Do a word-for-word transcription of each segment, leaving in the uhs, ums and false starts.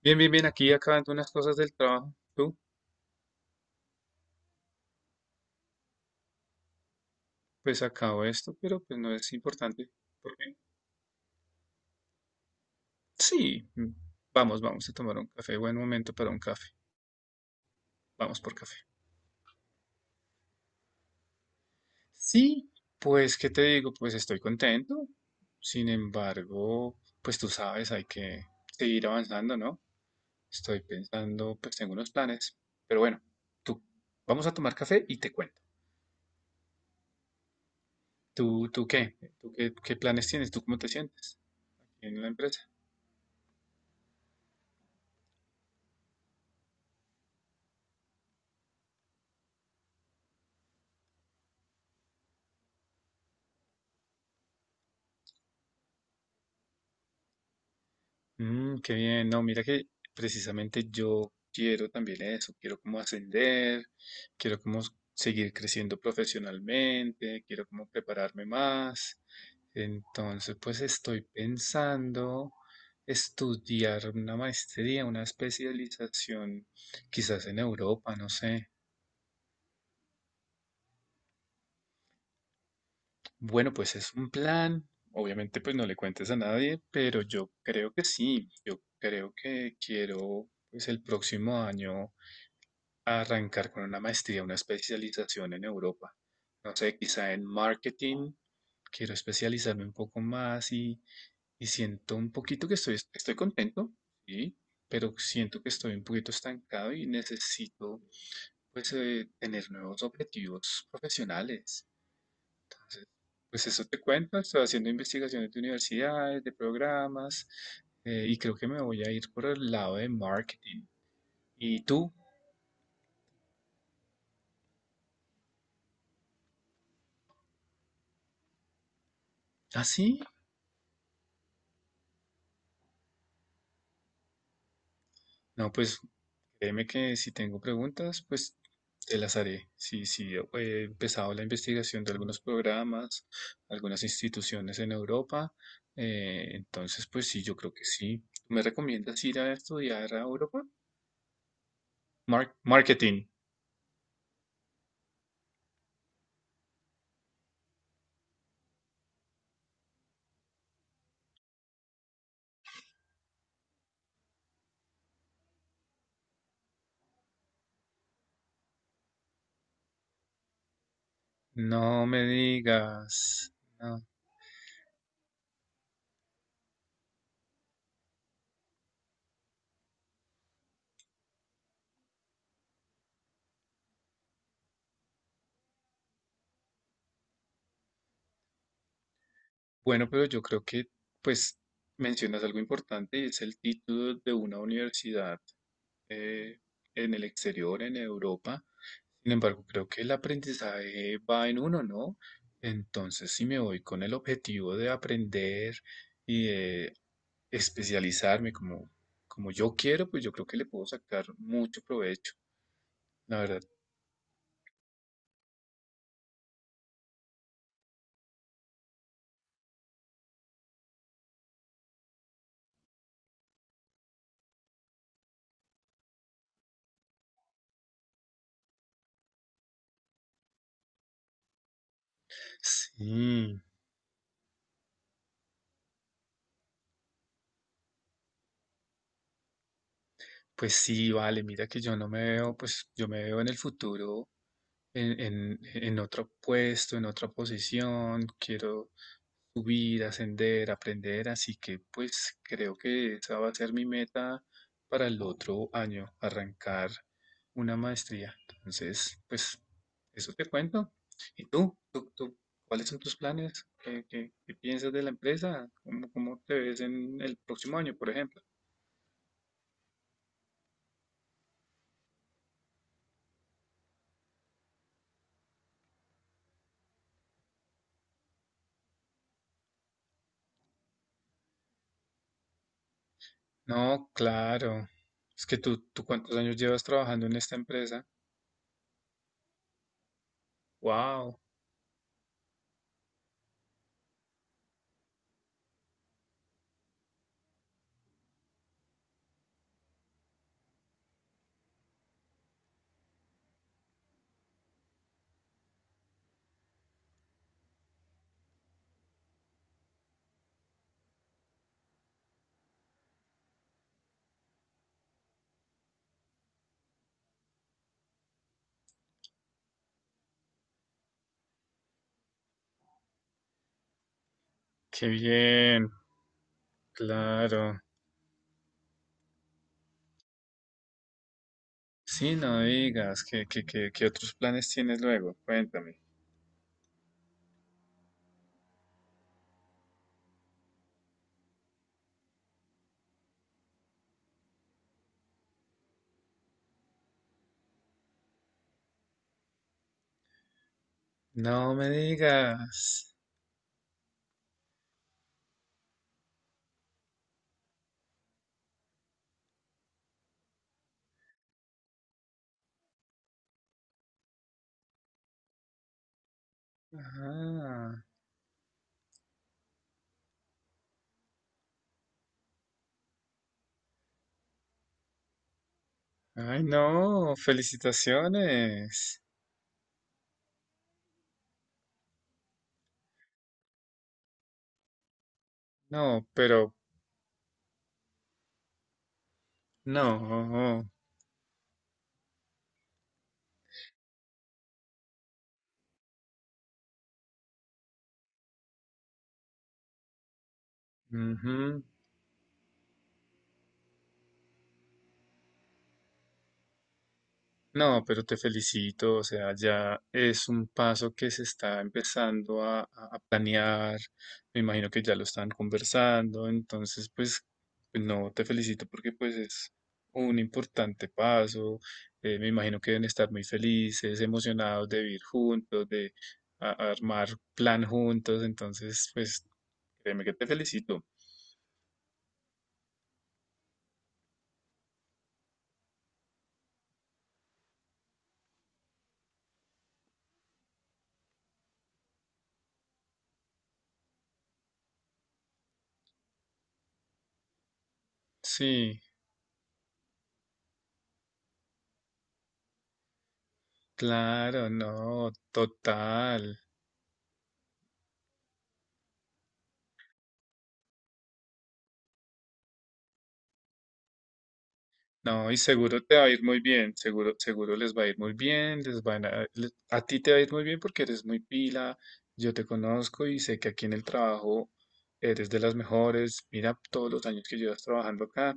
Bien, bien, bien, aquí acabando unas cosas del trabajo. Tú, pues acabo esto, pero pues no es importante. ¿Por qué? Sí, mm, vamos, vamos a tomar un café. Buen momento para un café. Vamos por café. Sí, pues, ¿qué te digo? Pues estoy contento. Sin embargo, pues tú sabes, hay que seguir avanzando, ¿no? Estoy pensando, pues tengo unos planes. Pero bueno, tú, vamos a tomar café y te cuento. ¿Tú, tú qué? ¿Tú qué, qué planes tienes? ¿Tú cómo te sientes en la empresa? Mm, qué bien. No, mira que precisamente yo quiero también eso. Quiero como ascender, quiero como s- seguir creciendo profesionalmente, quiero como prepararme más. Entonces, pues estoy pensando estudiar una maestría, una especialización, quizás en Europa, no sé. Bueno, pues es un plan. Obviamente, pues no le cuentes a nadie, pero yo creo que sí. Yo creo que quiero, pues el próximo año arrancar con una maestría, una especialización en Europa. No sé, quizá en marketing, quiero especializarme un poco más y, y siento un poquito que estoy, estoy contento, sí, pero siento que estoy un poquito estancado y necesito pues eh, tener nuevos objetivos profesionales. Entonces, pues eso te cuento, estoy haciendo investigaciones de universidades, de programas eh, y creo que me voy a ir por el lado de marketing. ¿Y tú? ¿Ah, sí? No, pues créeme que si tengo preguntas, pues te las haré. Sí, sí, he empezado la investigación de algunos programas, algunas instituciones en Europa. Eh, entonces, pues sí, yo creo que sí. ¿Me recomiendas ir a estudiar a Europa? Mar- marketing. No me digas. No. Bueno, pero yo creo que, pues, mencionas algo importante y es el título de una universidad eh, en el exterior, en Europa. Sin embargo, creo que el aprendizaje va en uno, ¿no? Entonces, si me voy con el objetivo de aprender y de especializarme como, como yo quiero, pues yo creo que le puedo sacar mucho provecho, la verdad. Sí, pues sí, vale, mira que yo no me veo, pues yo me veo en el futuro en, en, en otro puesto, en otra posición, quiero subir, ascender, aprender, así que pues creo que esa va a ser mi meta para el otro año, arrancar una maestría. Entonces, pues eso te cuento. ¿Y tú? ¿Tú, tú cuáles son tus planes? ¿Qué, qué- qué piensas de la empresa? ¿Cómo, cómo te ves en el próximo año, por ejemplo? No, claro. Es que tú, ¿tú cuántos años llevas trabajando en esta empresa? Wow. Qué bien, claro. Sí, no digas. ¿Qué, qué, qué, qué otros planes tienes luego? Cuéntame. No me digas. Ah, ay, no. Felicitaciones. No, pero no. Ujú. No, pero te felicito, o sea, ya es un paso que se está empezando a, a- a planear, me imagino que ya lo están conversando, entonces pues pues no, te felicito porque pues es un importante paso, eh, me imagino que deben estar muy felices, emocionados de vivir juntos, de a- armar plan juntos, entonces pues créeme que te felicito. Sí, claro, no, total. No, y seguro te va a ir muy bien, seguro, seguro les va a ir muy bien, les van a, le- a ti te va a ir muy bien porque eres muy pila, yo te conozco y sé que aquí en el trabajo eres de las mejores, mira todos los años que llevas trabajando acá,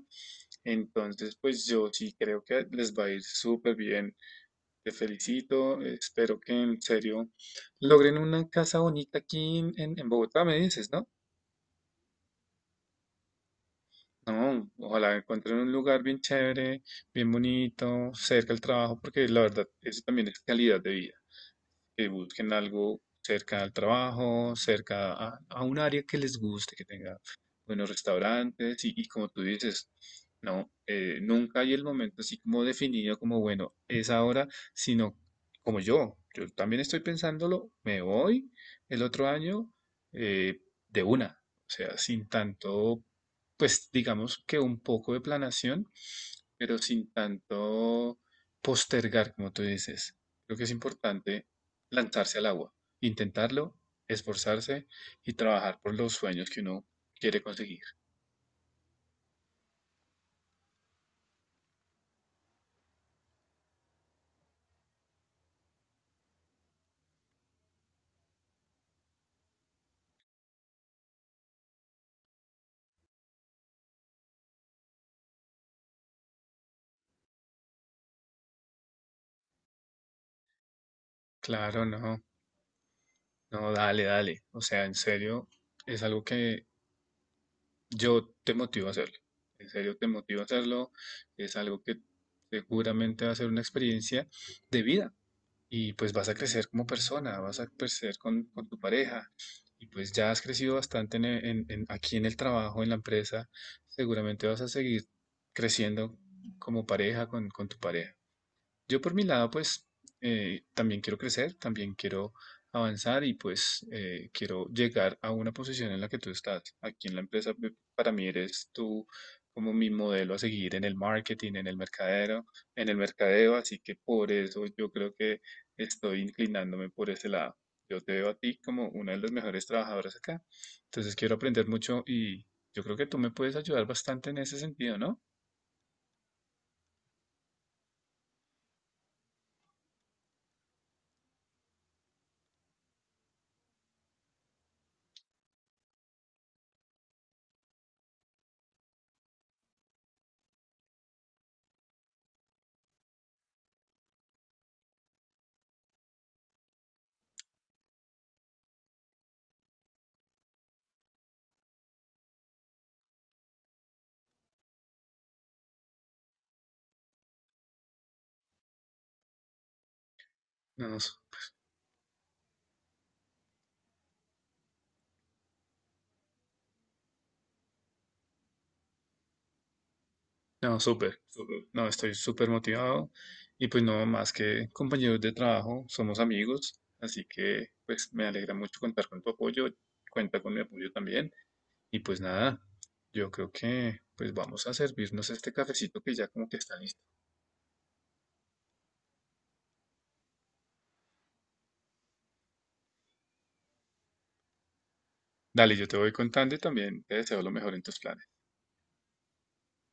entonces pues yo sí creo que les va a ir súper bien, te felicito, espero que en serio logren una casa bonita aquí en, en en Bogotá, me dices, ¿no? No, ojalá encuentren un lugar bien chévere, bien bonito, cerca del trabajo, porque la verdad, eso también es calidad de vida que busquen algo cerca al trabajo, cerca a, a un área que les guste, que tenga buenos restaurantes y, y como tú dices, no, eh, nunca hay el momento así como definido como, bueno, es ahora, sino como yo, yo también estoy pensándolo, me voy el otro año eh, de una, o sea, sin tanto, pues digamos que un poco de planación pero sin tanto postergar, como tú dices. Creo que es importante lanzarse al agua, intentarlo, esforzarse y trabajar por los sueños que uno quiere conseguir. Claro, no, no, dale, dale. O sea, en serio, es algo que yo te motivo a hacerlo. En serio, te motivo a hacerlo. Es algo que seguramente va a ser una experiencia de vida. Y pues vas a crecer como persona, vas a crecer con, con tu pareja y pues ya has crecido bastante en, e- en- en- aquí en el trabajo, en la empresa, seguramente vas a seguir creciendo como pareja con, con tu pareja. Yo por mi lado, pues eh, también quiero crecer, también quiero avanzar y pues eh, quiero llegar a una posición en la que tú estás. Aquí en la empresa, pe- para mí eres tú como mi modelo a seguir en el marketing, en el mercadero, en el mercadeo, así que por eso yo creo que estoy inclinándome por ese lado. Yo te veo a ti como una de las mejores trabajadoras acá. Entonces quiero aprender mucho y yo creo que tú me puedes ayudar bastante en ese sentido, ¿no? No, no, súper, súper. No, estoy súper motivado. Y pues no, más que compañeros de trabajo, somos amigos. Así que pues me alegra mucho contar con tu apoyo. Cuenta con mi apoyo también. Y pues nada, yo creo que pues vamos a servirnos este cafecito que ya como que está listo. Dale, yo te voy contando y también te deseo lo mejor en tus planes.